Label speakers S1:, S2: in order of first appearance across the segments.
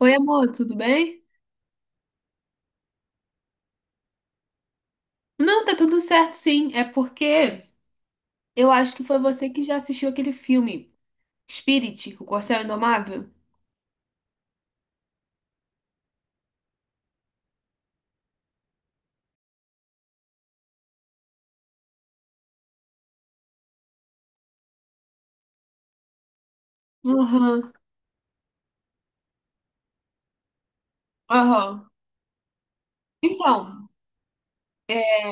S1: Oi, amor, tudo bem? Não, tá tudo certo, sim. É porque eu acho que foi você que já assistiu aquele filme Spirit, O Corcel Indomável. Aham, aham. Então, é,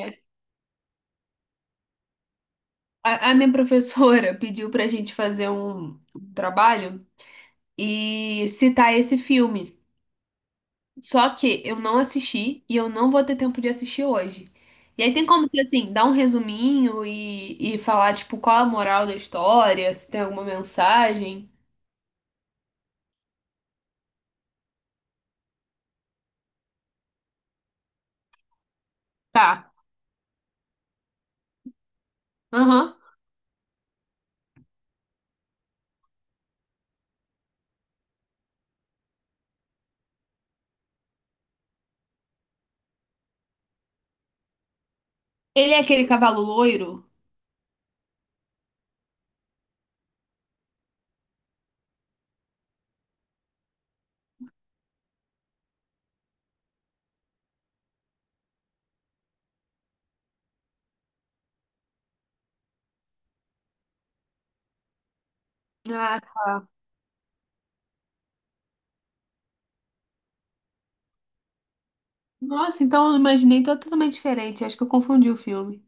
S1: a minha professora pediu pra gente fazer um trabalho e citar esse filme. Só que eu não assisti e eu não vou ter tempo de assistir hoje. E aí tem como se, assim, dar um resuminho e falar, tipo, qual a moral da história, se tem alguma mensagem. Tá. Aham. Ele é aquele cavalo loiro? Ah, nossa, então eu imaginei totalmente diferente. Acho que eu confundi o filme.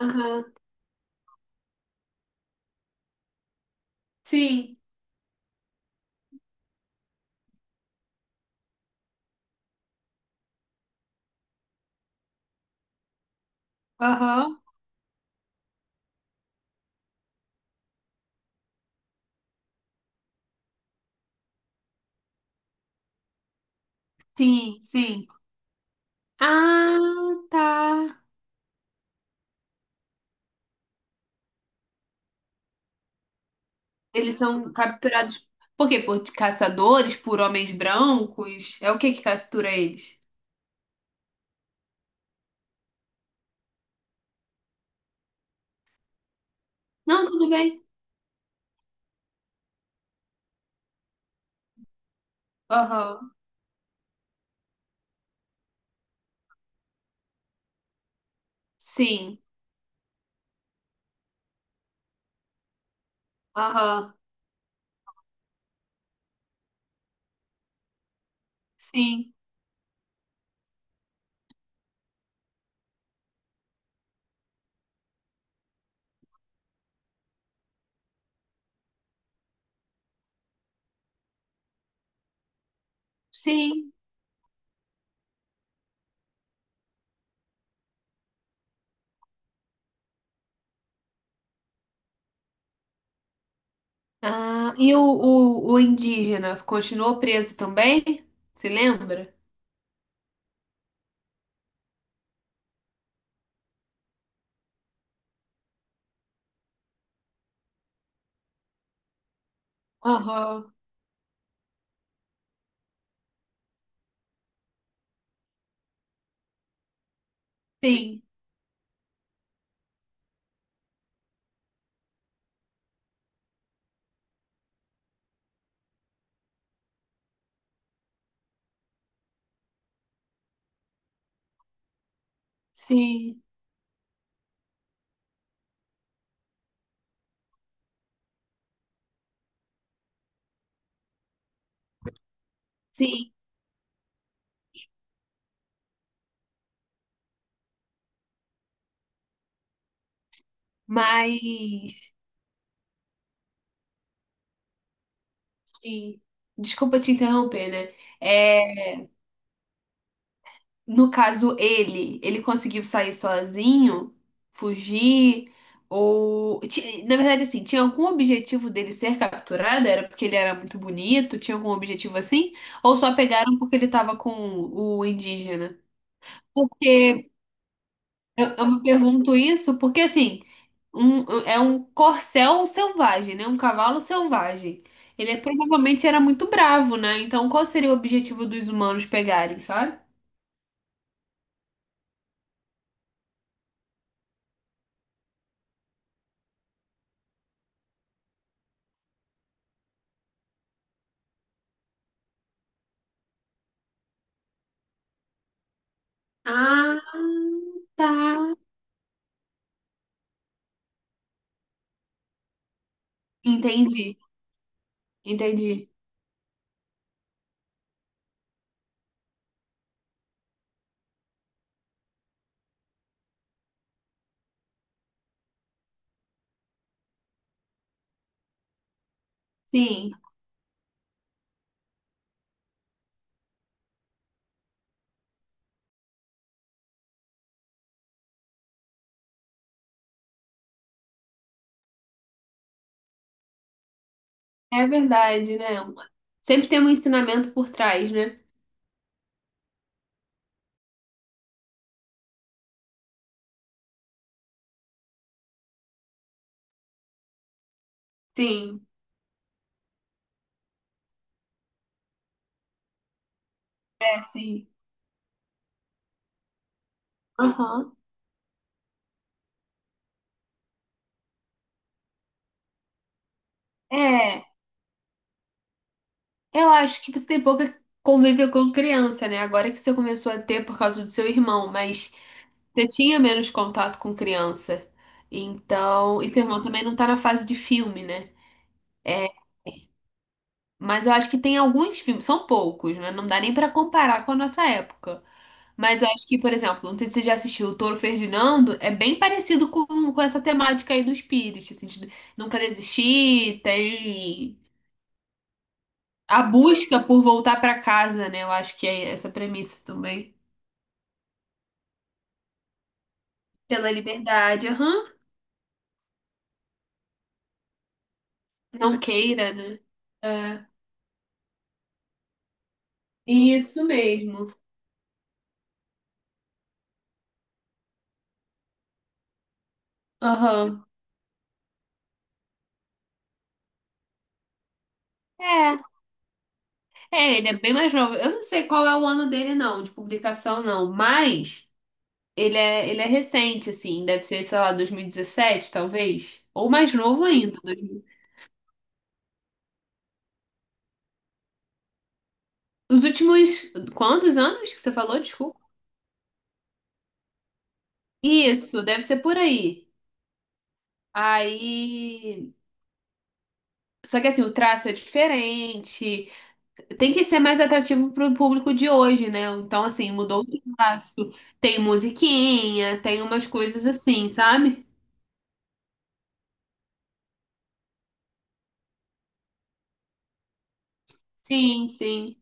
S1: Aham. Sim. Aham. Sim, sim. Ah, tá. Eles são capturados por quê? Por caçadores, por homens brancos? É o que que captura eles? Não, tudo bem. Aham. Sim. Aham. Sim. Sim. Ah, e o indígena continuou preso também? Se lembra? Aham. Sim. Sim, sim, mas sim. Desculpa te interromper, né? É, no caso, ele conseguiu sair sozinho, fugir, ou ti- na verdade, assim, tinha algum objetivo dele ser capturado? Era porque ele era muito bonito? Tinha algum objetivo assim? Ou só pegaram porque ele tava com o indígena? Porque eu me pergunto isso, porque assim. Um, é um corcel selvagem, né? Um cavalo selvagem. Ele é- provavelmente era muito bravo, né? Então, qual seria o objetivo dos humanos pegarem, sabe? Ah, tá. Entendi, entendi. Sim, é verdade, né? Sempre tem um ensinamento por trás, né? Sim. É, sim. Aham. É, eu acho que você tem pouca convívio com criança, né? Agora que você começou a ter por causa do seu irmão, mas. Você tinha menos contato com criança. Então, e seu irmão também não tá na fase de filme, né? É, mas eu acho que tem alguns filmes, são poucos, né? Não dá nem pra comparar com a nossa época. Mas eu acho que, por exemplo, não sei se você já assistiu o Touro Ferdinando, é bem parecido com essa temática aí do espírito, assim, de nunca desistir, tem a busca por voltar pra casa, né? Eu acho que é essa premissa também. Pela liberdade, aham. Não queira, né? É, isso mesmo. Aham. É, é, ele é bem mais novo. Eu não sei qual é o ano dele, não, de publicação, não, mas ele é recente, assim, deve ser, sei lá, 2017, talvez, ou mais novo ainda. Dois mil. Os últimos, quantos anos que você falou? Desculpa. Isso, deve ser por aí. Aí. Só que assim, o traço é diferente. Tem que ser mais atrativo pro público de hoje, né? Então, assim, mudou o traço. Tem musiquinha, tem umas coisas assim, sabe? Sim, sim.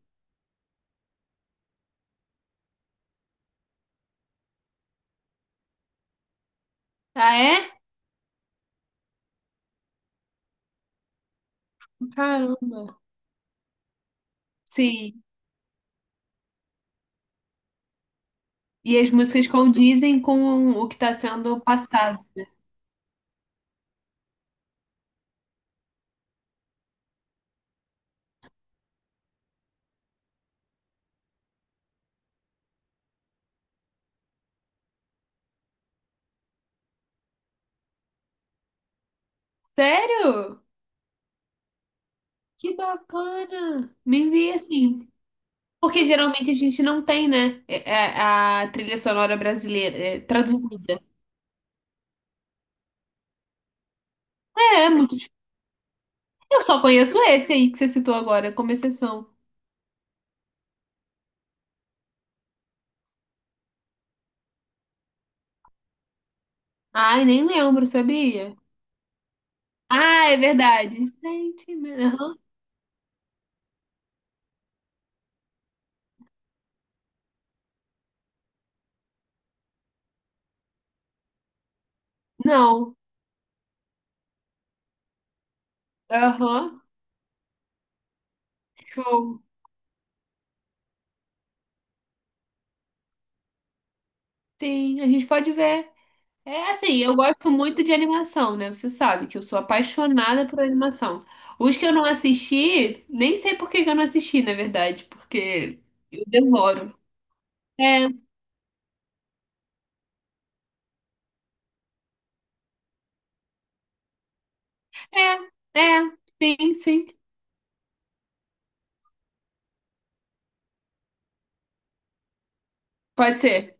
S1: Ah, é? Caramba. Sim. E as músicas condizem com o que está sendo passado. Sério? Que bacana. Me envia assim. Porque geralmente a gente não tem, né? A trilha sonora brasileira é, traduzida. É, é muito. Eu só conheço esse aí que você citou agora, como exceção. Ai, nem lembro, sabia? Ah, é verdade. Sentimento. Aham. Não. Aham. Show. Sim, a gente pode ver. É assim, eu gosto muito de animação, né? Você sabe que eu sou apaixonada por animação. Os que eu não assisti, nem sei por que que eu não assisti, na verdade, porque eu demoro. É, é, é, sim, sim. Pode ser.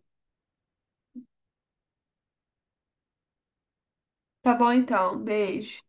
S1: Tá bom então, beijo.